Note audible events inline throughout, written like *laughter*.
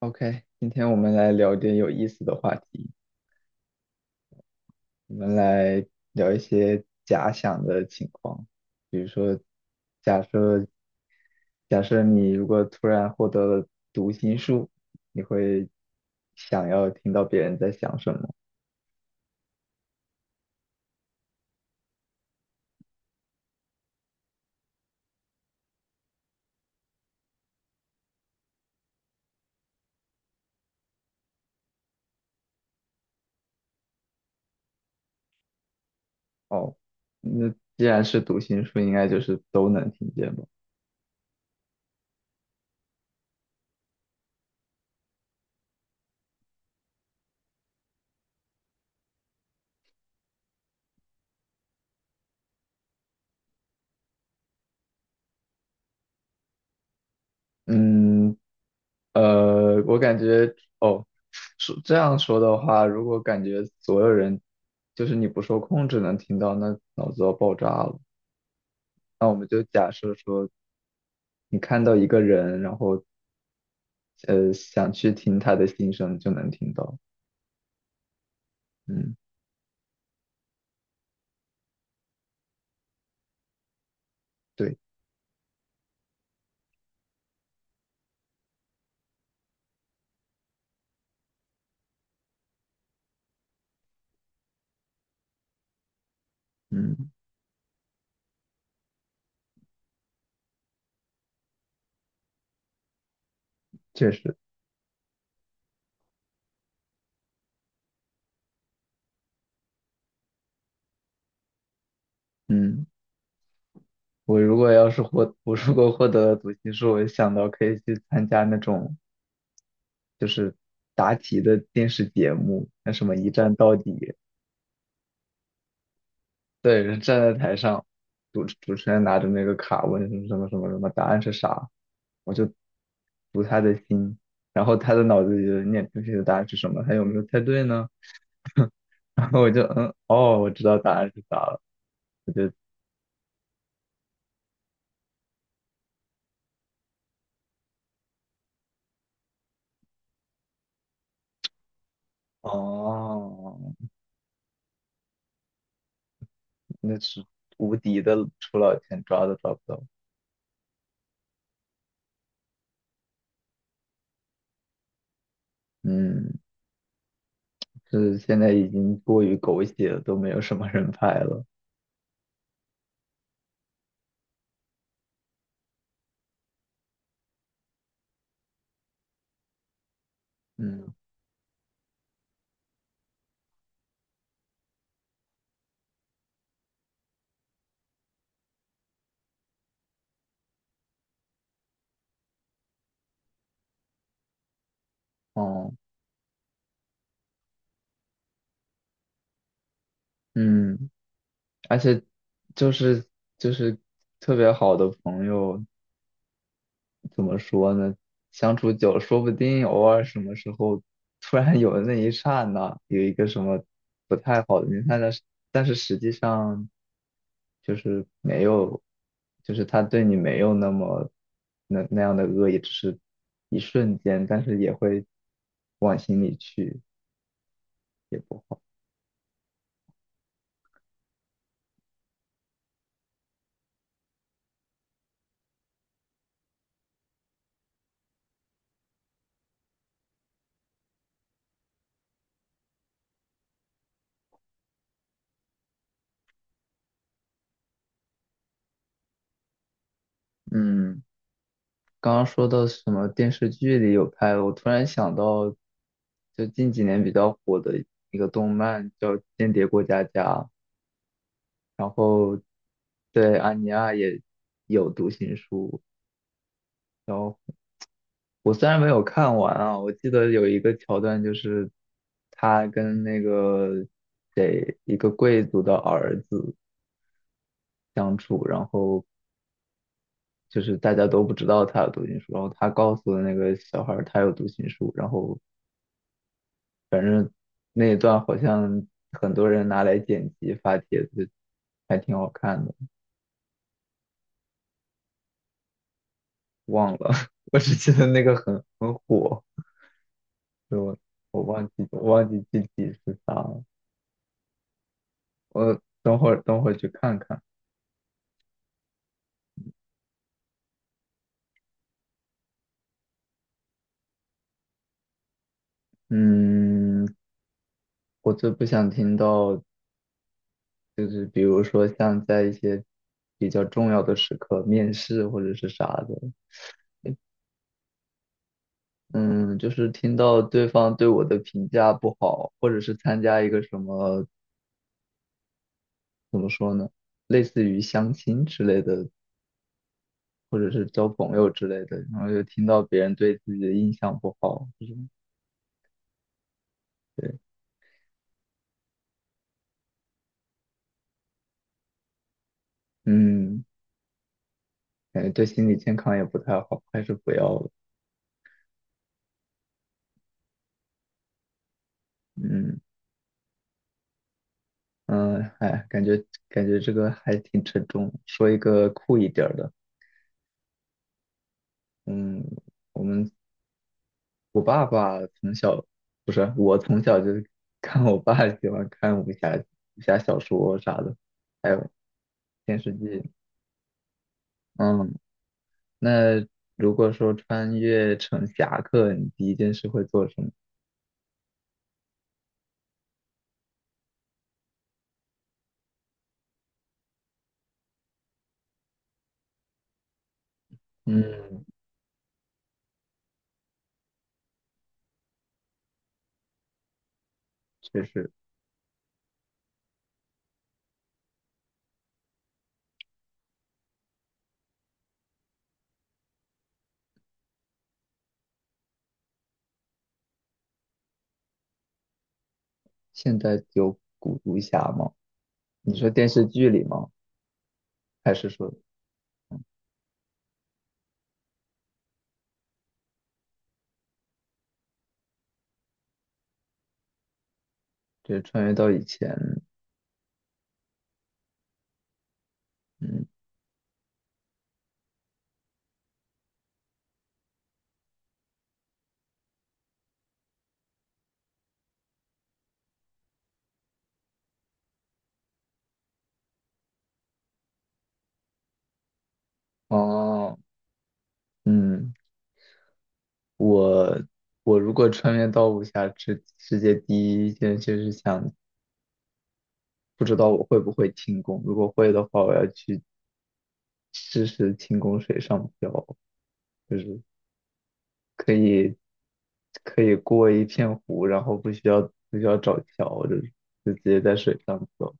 OK，今天我们来聊点有意思的话题，我们来聊一些假想的情况，比如说，假设假设你如果突然获得了读心术，你会想要听到别人在想什么？哦，那既然是读心术，应该就是都能听见吧？嗯，我感觉哦，说这样说的话，如果感觉所有人就是你不受控制能听到，那脑子要爆炸了。那我们就假设说，你看到一个人，然后想去听他的心声，就能听到。嗯，对，嗯，确实，嗯，我如果获得了读心术，我想到可以去参加那种就是答题的电视节目，那什么一站到底。对，人站在台上，主持人拿着那个卡问什么什么什么什么，答案是啥，我就读他的心，然后他的脑子里就念出去的答案是什么，他有没有猜对呢？*laughs* 然后我就嗯，哦，我知道答案是啥了，我就哦，那是无敌的出老千，抓都抓不到。嗯，是现在已经过于狗血了，都没有什么人拍了。嗯，哦，嗯，而且就是就是特别好的朋友。怎么说呢？相处久了，说不定偶尔什么时候突然有那一刹那有一个什么不太好的念头，但是实际上就是没有，就是他对你没有那么那样的恶意，只是一瞬间，但是也会往心里去，也不好。嗯，刚刚说到什么电视剧里有拍的，我突然想到，就近几年比较火的一个动漫叫《间谍过家家》。然后对安妮亚也有读心术，然后我虽然没有看完啊，我记得有一个桥段就是他跟那个谁一个贵族的儿子相处，然后就是大家都不知道他有读心术，然后他告诉那个小孩儿他有读心术，然后那一段好像很多人拿来剪辑发帖子，还挺好看的，忘了，*laughs* 我只记得那个很火。我我忘记具体是啥了，我等会儿去看看。嗯，我最不想听到就是比如说像在一些比较重要的时刻，面试或者是啥的，嗯，就是听到对方对我的评价不好，或者是参加一个什么怎么说呢，类似于相亲之类的，或者是交朋友之类的，然后又听到别人对自己的印象不好，这种对，嗯。感觉对心理健康也不太好，还是不要了。嗯嗯，哎，感觉这个还挺沉重。说一个酷一点儿的，嗯，我们我爸爸从小不是我从小就 *laughs* 看我爸喜欢看武侠小说啥的，还有电视剧。嗯，那如果说穿越成侠客，你第一件事会做什么？嗯，确实，现在有古武侠吗？你说电视剧里吗？还是说？对，穿越到以前，嗯，哦，嗯，我我如果穿越到武侠世界第一件事是想，不知道我会不会轻功，如果会的话，我要去试试轻功水上漂，就是可以可以过一片湖，然后不需要找桥，就是就直接在水上走，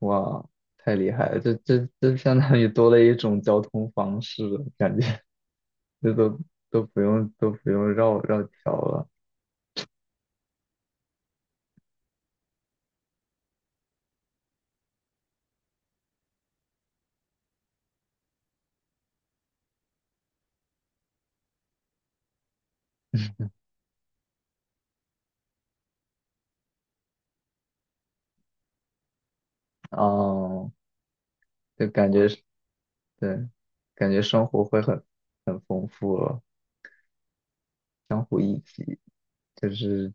哇，太厉害了，这相当于多了一种交通方式了，感觉。这都不用绕桥了。哦，就感觉是对，感觉生活会很丰富了，相互一体，就是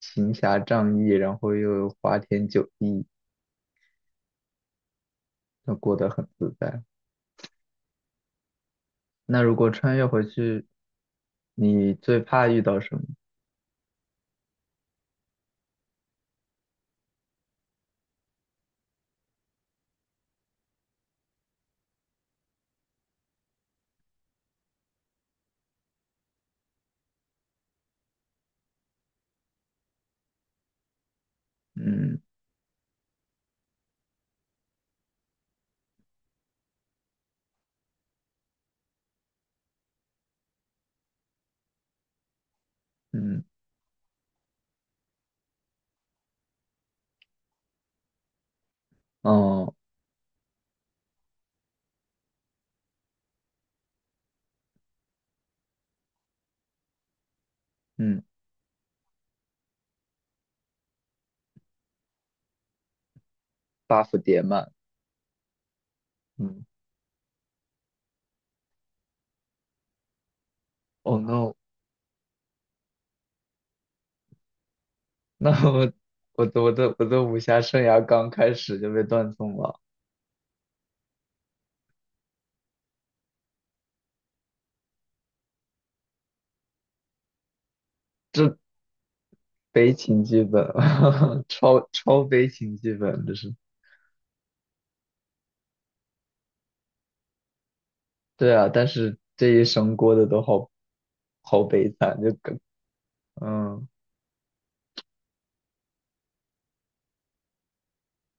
行侠仗义，然后又花天酒地，那过得很自在。那如果穿越回去，你最怕遇到什么？嗯嗯哦嗯，buff 叠满，嗯哦 h no，*laughs* 那我的武侠生涯刚开始就被断送了。悲情剧本，*laughs* 超悲情剧本，对啊，但是这一生过得都好悲惨，嗯。